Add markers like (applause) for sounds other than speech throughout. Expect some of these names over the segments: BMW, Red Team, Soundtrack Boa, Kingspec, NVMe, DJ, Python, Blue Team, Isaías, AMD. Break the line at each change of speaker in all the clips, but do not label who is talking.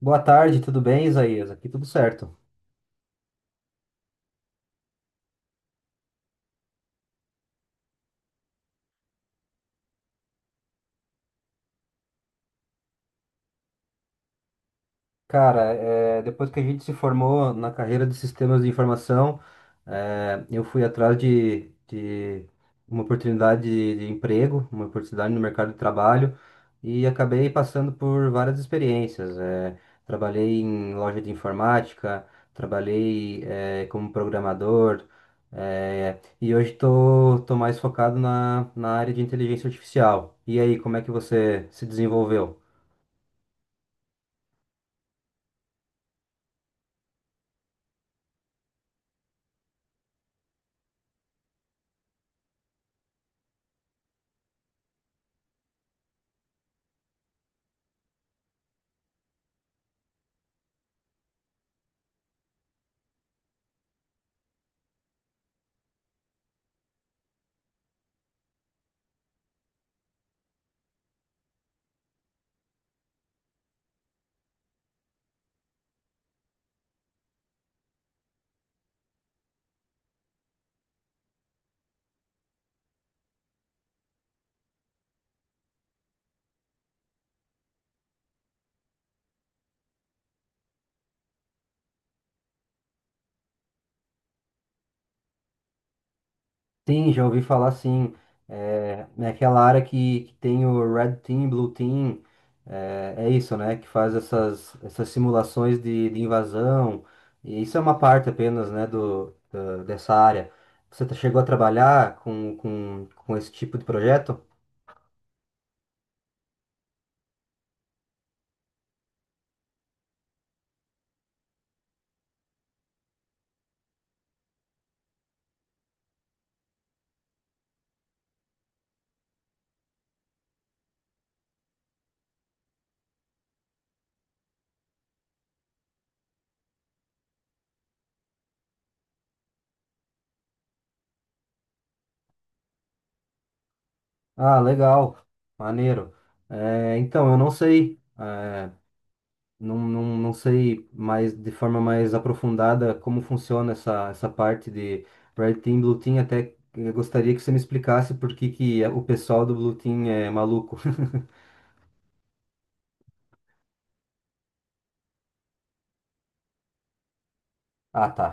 Boa tarde, tudo bem, Isaías? Aqui tudo certo. Cara, depois que a gente se formou na carreira de sistemas de informação, eu fui atrás de uma oportunidade de emprego, uma oportunidade no mercado de trabalho e acabei passando por várias experiências. Trabalhei em loja de informática, trabalhei, como programador, e hoje tô mais focado na área de inteligência artificial. E aí, como é que você se desenvolveu? Sim, já ouvi falar sim. Naquela área que tem o Red Team, Blue Team, é isso, né? Que faz essas simulações de invasão. E isso é uma parte apenas, né, dessa área. Chegou a trabalhar com esse tipo de projeto? Ah, legal, maneiro. É, então, eu não sei. É, não sei mais de forma mais aprofundada como funciona essa parte de Red Team, Blue Team. Até gostaria que você me explicasse por que que o pessoal do Blue Team é maluco. (laughs) Ah, tá.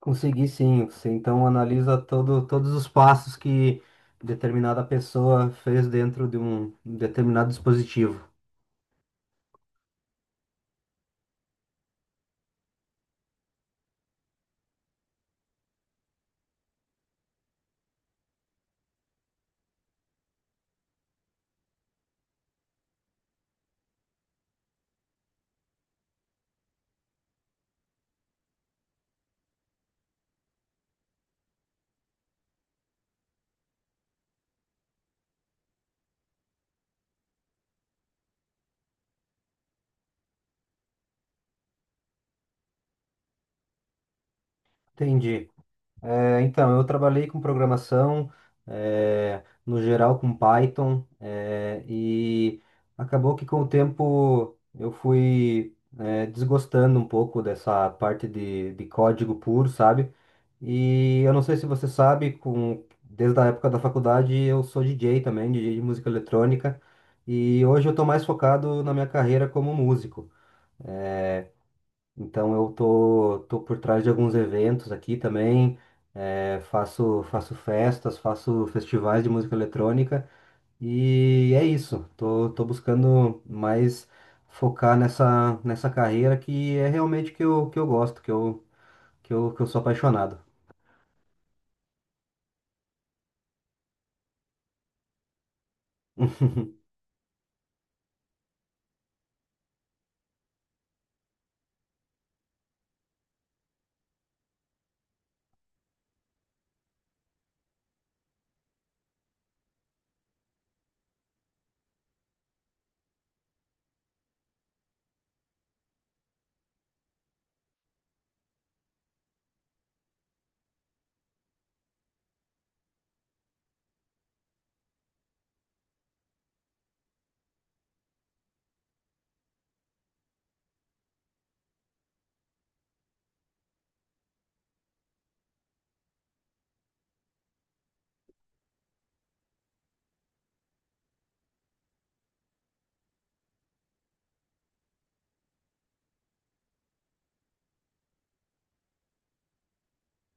Consegui sim. Você então analisa todos os passos que determinada pessoa fez dentro de um determinado dispositivo. Entendi. É, então, eu trabalhei com programação, no geral com Python, e acabou que com o tempo eu fui, desgostando um pouco dessa parte de código puro, sabe? E eu não sei se você sabe, desde a época da faculdade eu sou DJ também, DJ de música eletrônica, e hoje eu estou mais focado na minha carreira como músico. Então eu tô por trás de alguns eventos aqui também, faço festas, faço festivais de música eletrônica e é isso. Tô buscando mais focar nessa carreira que é realmente que eu gosto, que eu sou apaixonado. (laughs)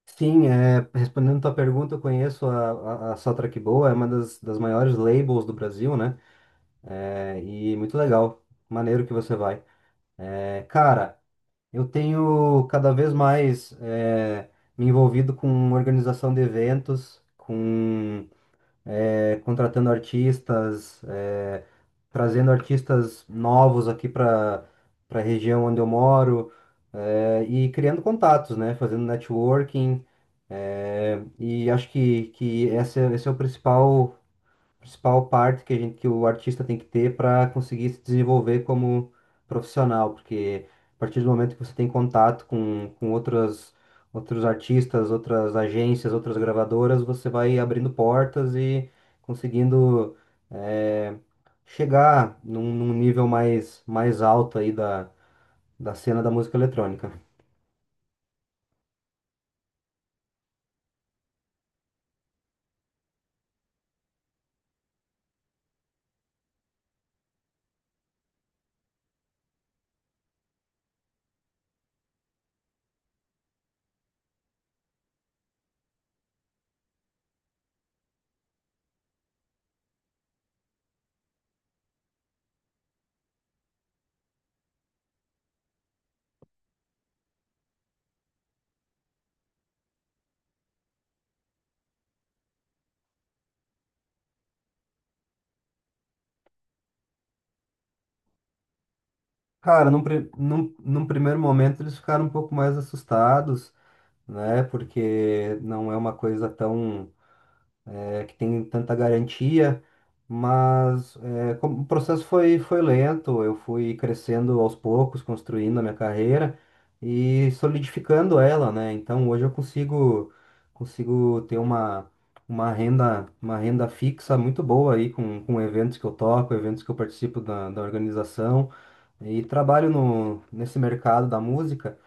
Sim, é, respondendo tua pergunta, eu conheço a Soundtrack Boa, é uma das maiores labels do Brasil, né? É, e muito legal, maneiro que você vai. É, cara. Eu tenho cada vez mais me envolvido com organização de eventos, com contratando artistas, trazendo artistas novos aqui para a região onde eu moro, e criando contatos, né? Fazendo networking. E acho que esse é o principal parte que que o artista tem que ter para conseguir se desenvolver como profissional, porque a partir do momento que você tem contato com outros artistas, outras agências, outras gravadoras, você vai abrindo portas e conseguindo eh, chegar num nível mais alto aí da cena da música eletrônica. Cara, num primeiro momento eles ficaram um pouco mais assustados, né? Porque não é uma coisa tão que tem tanta garantia, mas é, como o processo foi lento, eu fui crescendo aos poucos, construindo a minha carreira e solidificando ela, né? Então hoje consigo ter uma renda fixa muito boa aí com eventos que eu toco, eventos que eu participo da organização e trabalho no, nesse mercado da música.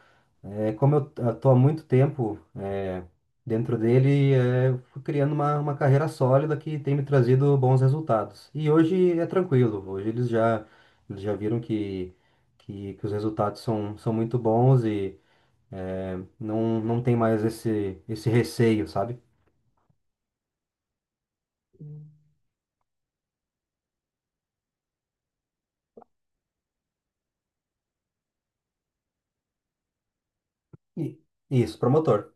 É, como eu estou há muito tempo dentro dele, fui criando uma carreira sólida que tem me trazido bons resultados. E hoje é tranquilo, eles já viram que os resultados são muito bons e não tem mais esse receio, sabe? E- Isso, promotor.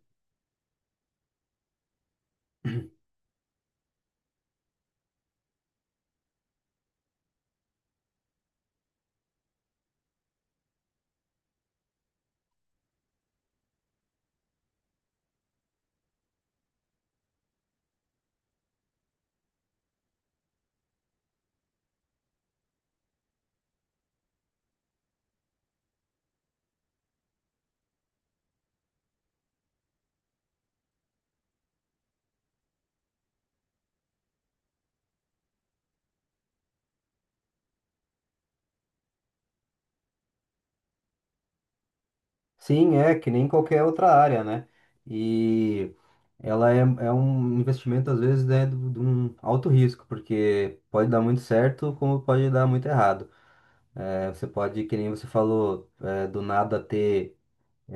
Sim, é que nem qualquer outra área, né? E. Ela é, é um investimento, às vezes, né, do- de um alto risco, porque pode dar muito certo, como pode dar muito errado. É, você pode, que nem você falou, é, do nada ter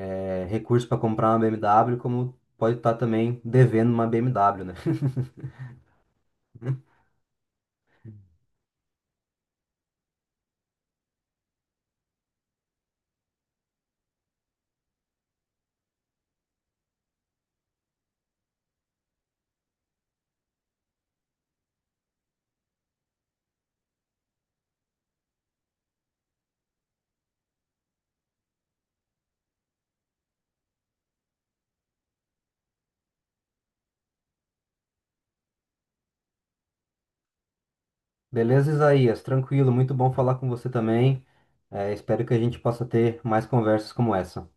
recurso para comprar uma BMW, como pode estar também devendo uma BMW, né? (laughs) Beleza, Isaías? Tranquilo, muito bom falar com você também. É, espero que a gente possa ter mais conversas como essa.